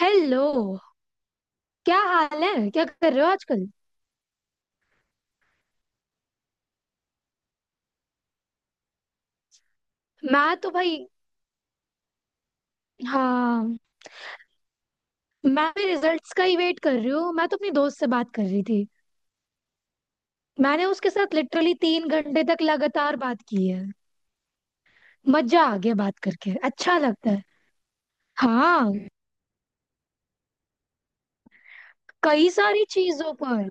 Hello. क्या हाल है? क्या कर रहे हो आजकल? मैं तो भाई। हाँ, मैं भी रिजल्ट्स का ही वेट कर रही हूँ। मैं तो अपनी दोस्त से बात कर रही थी। मैंने उसके साथ लिटरली 3 घंटे तक लगातार बात की है। मजा आ गया, बात करके अच्छा लगता है। हाँ। कई सारी चीजों पर।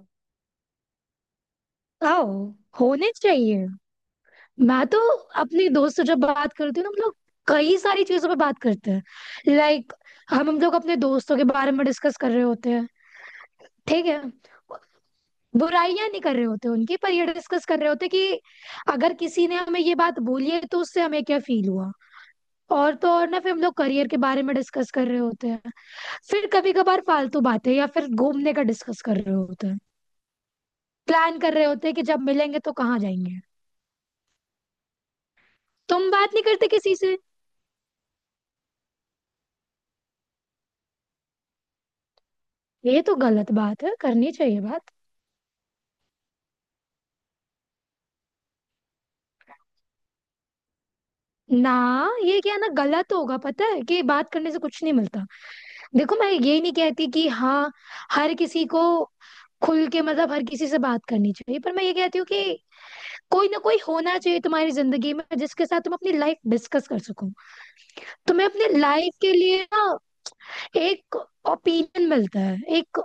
आओ। होने चाहिए। मैं तो अपनी दोस्त से जब बात करती हूँ ना, हम लोग कई सारी चीजों पर बात करते हैं। लाइक हम लोग अपने दोस्तों के बारे में डिस्कस कर रहे होते हैं। ठीक है, बुराइयां नहीं कर रहे होते उनकी, पर ये डिस्कस कर रहे होते कि अगर किसी ने हमें ये बात बोली है तो उससे हमें क्या फील हुआ। और तो और ना, फिर हम लोग करियर के बारे में डिस्कस कर रहे होते हैं। फिर कभी कभार फालतू बातें या फिर घूमने का डिस्कस कर रहे होते हैं। प्लान कर रहे होते हैं कि जब मिलेंगे तो कहाँ जाएंगे। तुम बात नहीं करते किसी से? ये तो गलत बात है, करनी चाहिए बात। ना, ये क्या ना, गलत होगा पता है कि बात करने से कुछ नहीं मिलता। देखो, मैं ये नहीं कहती कि हाँ हर किसी को खुल के, मतलब हर किसी से बात करनी चाहिए, पर मैं ये कहती हूँ कि कोई ना कोई होना चाहिए तुम्हारी जिंदगी में जिसके साथ तुम अपनी लाइफ डिस्कस कर सको। तुम्हें अपने लाइफ के लिए ना एक ओपिनियन मिलता है, एक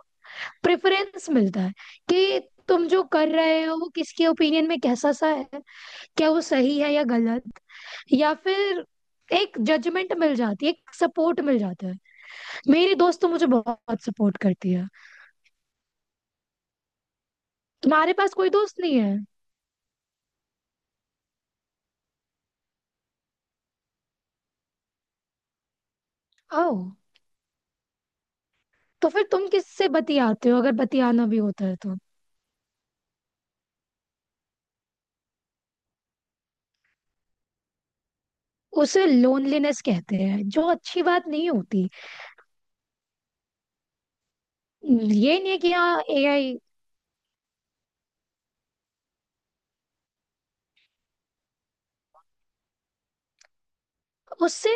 प्रेफरेंस मिलता है कि तुम जो कर रहे हो वो किसके ओपिनियन में कैसा सा है, क्या वो सही है या गलत, या फिर एक जजमेंट मिल जाती है, एक सपोर्ट मिल जाता है। मेरी दोस्त तो मुझे बहुत सपोर्ट करती है। तुम्हारे पास कोई दोस्त नहीं है? ओह। तो फिर तुम किससे बतियाते हो, अगर बतियाना भी होता है तो? उसे लोनलीनेस कहते हैं जो अच्छी बात नहीं होती। ये नहीं है कि हाँ एआई उससे।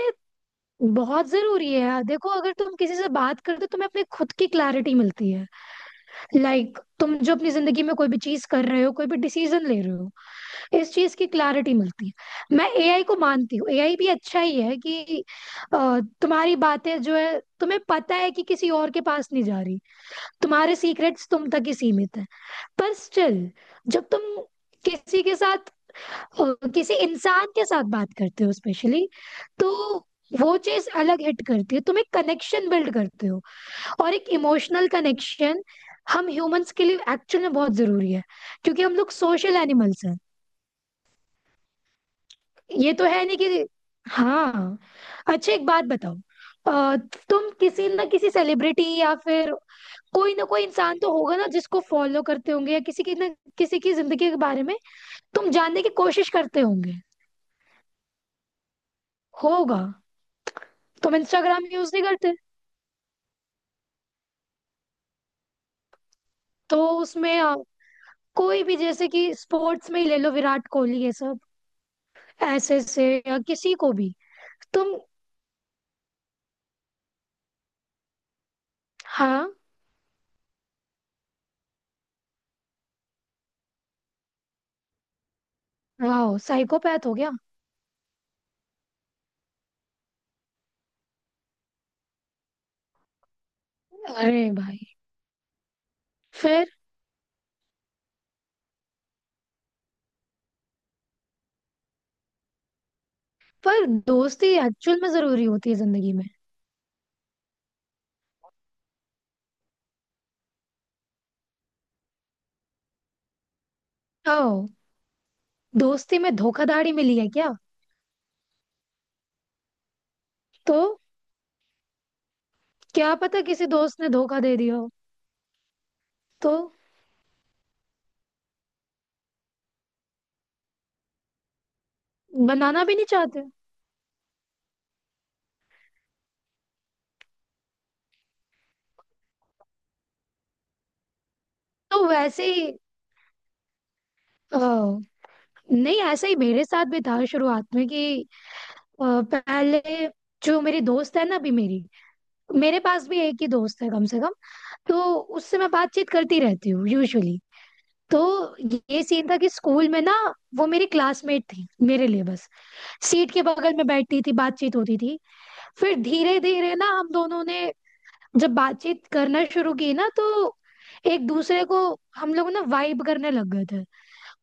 बहुत जरूरी है, देखो, अगर तुम किसी से बात करते हो तुम्हें अपने खुद की क्लैरिटी मिलती है। लाइक तुम जो अपनी जिंदगी में कोई भी चीज कर रहे हो, कोई भी डिसीजन ले रहे हो, इस चीज की क्लैरिटी मिलती है। मैं एआई को मानती हूँ, एआई भी अच्छा ही है कि तुम्हारी बातें जो है तुम्हें पता है कि किसी और के पास नहीं जा रही, तुम्हारे सीक्रेट्स तुम तक ही सीमित है। पर स्टिल जब तुम किसी के साथ किसी इंसान के साथ बात करते हो स्पेशली, तो वो चीज अलग हिट करती है। तुम एक कनेक्शन बिल्ड करते हो, और एक इमोशनल कनेक्शन हम ह्यूमंस के लिए एक्चुअल में बहुत जरूरी है, क्योंकि हम लोग सोशल एनिमल्स हैं। ये तो है नहीं कि हाँ। अच्छा, एक बात बताओ, अ, तुम किसी ना किसी सेलिब्रिटी या फिर कोई ना कोई इंसान तो होगा ना जिसको फॉलो करते होंगे, या किसी की ना किसी की जिंदगी के बारे में तुम जानने की कोशिश करते होंगे। होगा। तुम इंस्टाग्राम यूज नहीं करते? तो उसमें कोई भी, जैसे कि स्पोर्ट्स में ही ले लो, विराट कोहली ये सब, ऐसे से या किसी को भी? तुम। हाँ। वाह, साइकोपैथ हो गया। अरे भाई। फिर। पर दोस्ती एक्चुअल में जरूरी होती है जिंदगी में। ओ। दोस्ती में धोखाधड़ी मिली है क्या? तो क्या पता किसी दोस्त ने धोखा दे दिया हो। तो बनाना भी नहीं चाहते? तो वैसे ही ओ, नहीं, ऐसा ही मेरे साथ भी था शुरुआत में कि अ, पहले जो मेरी दोस्त है ना अभी, मेरी, मेरे पास भी एक ही दोस्त है कम से कम। तो उससे मैं बातचीत करती रहती हूँ यूजुअली। तो ये सीन था कि स्कूल में ना वो मेरी क्लासमेट थी मेरे लिए, बस सीट के बगल में बैठती थी, बातचीत होती थी। फिर धीरे धीरे ना हम दोनों ने जब बातचीत करना शुरू की ना तो एक दूसरे को हम लोग ना वाइब करने लग गए थे।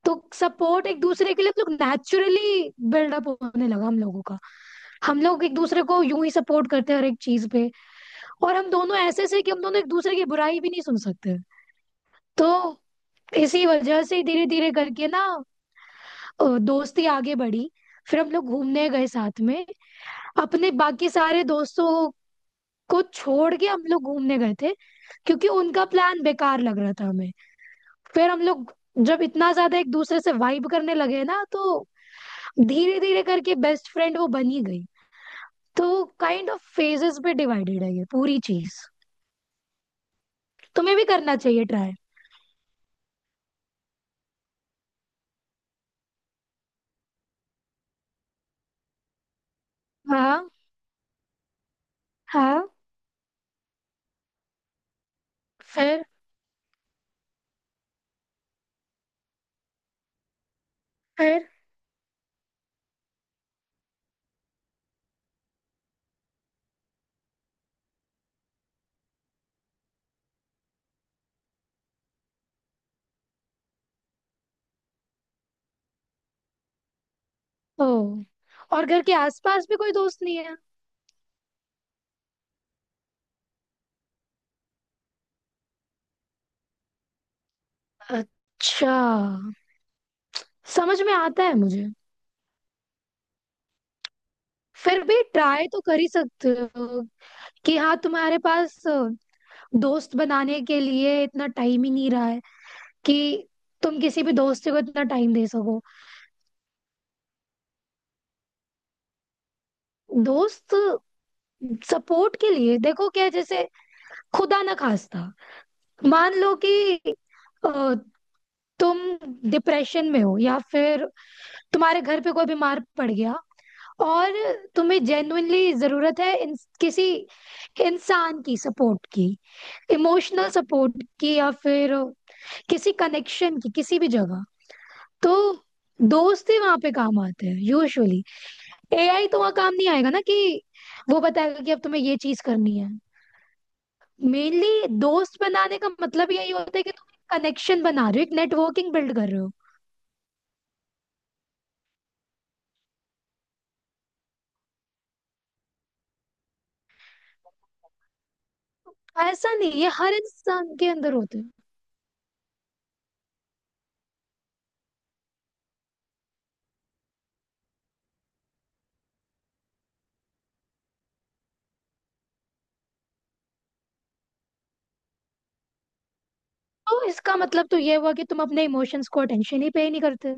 तो सपोर्ट एक दूसरे के लिए हम लोग नेचुरली बिल्डअप होने लगा हम लोगों का। हम लोग एक दूसरे को यूं ही सपोर्ट करते हैं हर एक चीज पे। और हम दोनों ऐसे से कि हम दोनों एक दूसरे की बुराई भी नहीं सुन सकते। तो इसी वजह से धीरे धीरे करके ना दोस्ती आगे बढ़ी। फिर हम लोग घूमने गए साथ में, अपने बाकी सारे दोस्तों को छोड़ के हम लोग घूमने गए थे, क्योंकि उनका प्लान बेकार लग रहा था हमें। फिर हम लोग जब इतना ज्यादा एक दूसरे से वाइब करने लगे ना, तो धीरे धीरे करके बेस्ट फ्रेंड वो बन ही गई। तो काइंड ऑफ फेजेस पे डिवाइडेड है ये पूरी चीज। तुम्हें भी करना चाहिए ट्राई। हाँ। हाँ। फिर। फिर। ओ। और घर के आसपास भी कोई दोस्त नहीं है? अच्छा। समझ में आता है मुझे। फिर भी ट्राई तो कर ही सकते हो कि हाँ, तुम्हारे पास दोस्त बनाने के लिए इतना टाइम ही नहीं रहा है कि तुम किसी भी दोस्त को इतना टाइम दे सको। दोस्त सपोर्ट के लिए, देखो क्या है, जैसे खुदा ना खास्ता मान लो कि अ, तुम डिप्रेशन में हो या फिर तुम्हारे घर पे कोई बीमार पड़ गया, और तुम्हें जेन्युइनली जरूरत है किसी इंसान की सपोर्ट की, इमोशनल सपोर्ट की, या फिर किसी कनेक्शन की किसी भी जगह, तो दोस्त ही वहां पे काम आते हैं यूजुअली। एआई तो वहां काम नहीं आएगा ना कि वो बताएगा कि अब तुम्हें ये चीज करनी है। मेनली दोस्त बनाने का मतलब यही होता है कि तुम कनेक्शन बना रहे हो, एक नेटवर्किंग बिल्ड कर रहे हो। ऐसा नहीं, ये हर इंसान के अंदर होते हैं। तो इसका मतलब तो ये हुआ कि तुम अपने इमोशंस को अटेंशन ही पे नहीं करते।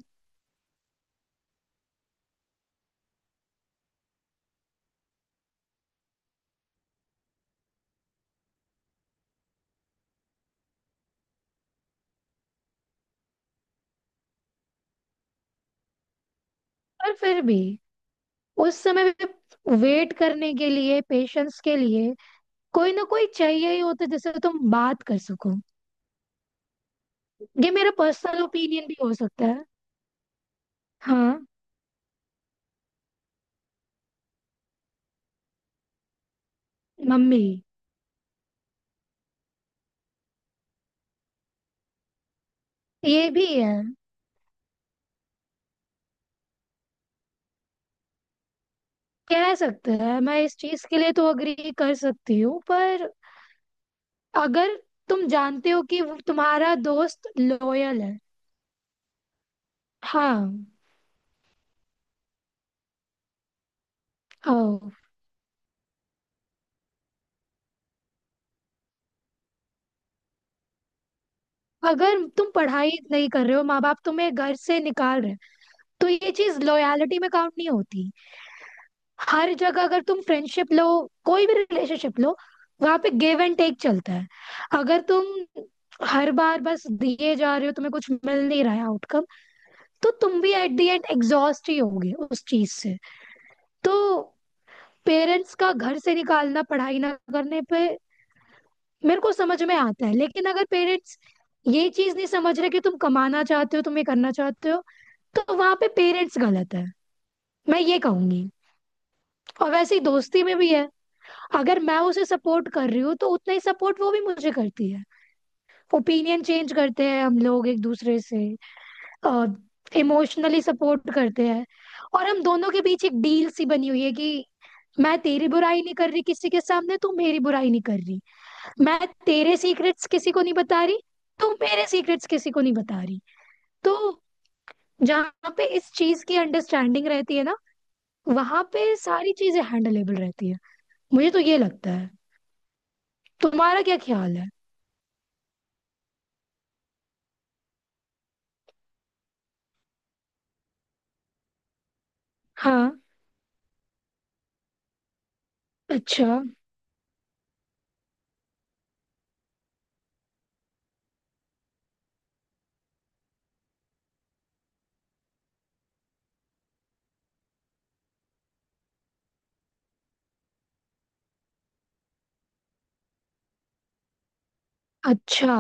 पर फिर भी उस समय वेट करने के लिए, पेशेंस के लिए कोई ना कोई चाहिए ही होता है जिससे तुम बात कर सको। ये मेरा पर्सनल ओपिनियन भी हो सकता है। हाँ। मम्मी। ये भी है। कह सकते हैं, मैं इस चीज के लिए तो अग्री कर सकती हूँ, पर अगर तुम जानते हो कि वो तुम्हारा दोस्त लॉयल है। हाँ। ओ, अगर तुम पढ़ाई नहीं कर रहे हो, माँ बाप तुम्हें घर से निकाल रहे हैं, तो ये चीज लॉयलिटी में काउंट नहीं होती। हर जगह अगर तुम फ्रेंडशिप लो, कोई भी रिलेशनशिप लो, वहां पे गिव एंड टेक चलता है। अगर तुम हर बार बस दिए जा रहे हो, तुम्हें कुछ मिल नहीं रहा है आउटकम, तो तुम भी एट द एंड एग्जॉस्ट ही होगे उस चीज से। तो पेरेंट्स का घर से निकालना पढ़ाई ना करने पे मेरे को समझ में आता है, लेकिन अगर पेरेंट्स ये चीज नहीं समझ रहे कि तुम कमाना चाहते हो, तुम ये करना चाहते हो, तो वहां पे पेरेंट्स गलत है, मैं ये कहूंगी। और वैसे ही दोस्ती में भी है। अगर मैं उसे सपोर्ट कर रही हूँ तो उतना ही सपोर्ट वो भी मुझे करती है। ओपिनियन चेंज करते हैं हम लोग एक दूसरे से, इमोशनली सपोर्ट करते हैं। और हम दोनों के बीच एक डील सी बनी हुई है कि मैं तेरी बुराई नहीं कर रही किसी के सामने, तू मेरी बुराई नहीं कर रही, मैं तेरे सीक्रेट्स किसी को नहीं बता रही, तू मेरे सीक्रेट्स किसी को नहीं बता रही। तो जहाँ पे इस चीज की अंडरस्टैंडिंग रहती है ना, वहां पे सारी चीजें हैंडलेबल रहती है। मुझे तो ये लगता है। तुम्हारा क्या ख्याल है? हाँ। अच्छा। अच्छा।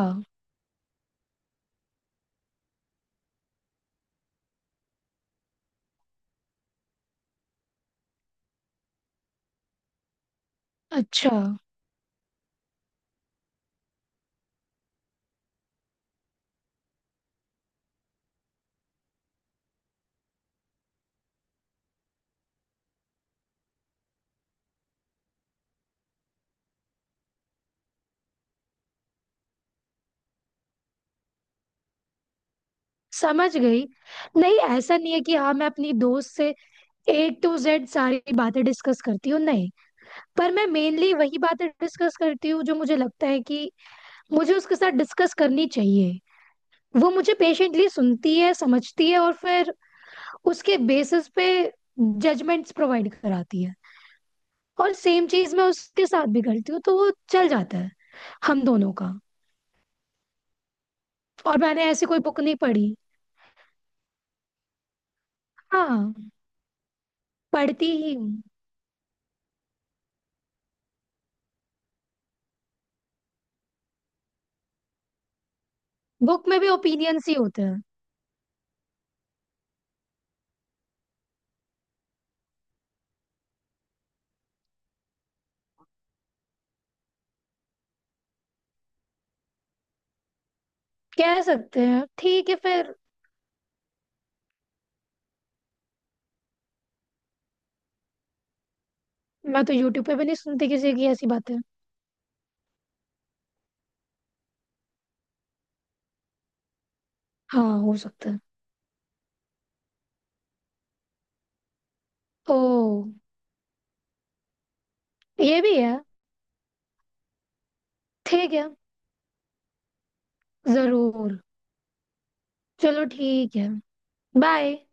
अच्छा, समझ गई। नहीं, ऐसा नहीं है कि हाँ, मैं अपनी दोस्त से A to Z सारी बातें डिस्कस करती हूँ, नहीं। पर मैं मेनली वही बातें डिस्कस करती हूँ जो मुझे लगता है कि मुझे उसके साथ डिस्कस करनी चाहिए। वो मुझे पेशेंटली सुनती है, समझती है, और फिर उसके बेसिस पे जजमेंट्स प्रोवाइड कराती है। और सेम चीज मैं उसके साथ भी करती हूँ, तो वो चल जाता है हम दोनों का। और मैंने ऐसी कोई बुक नहीं पढ़ी। हाँ, पढ़ती ही हूँ। बुक में भी ओपिनियंस ही होते हैं। कह सकते हैं, ठीक है फिर। मैं तो यूट्यूब पे भी नहीं सुनती किसी की ऐसी बातें। हाँ, हो सकता है। ओ। ये भी है। ठीक है। जरूर। चलो ठीक है। बाय।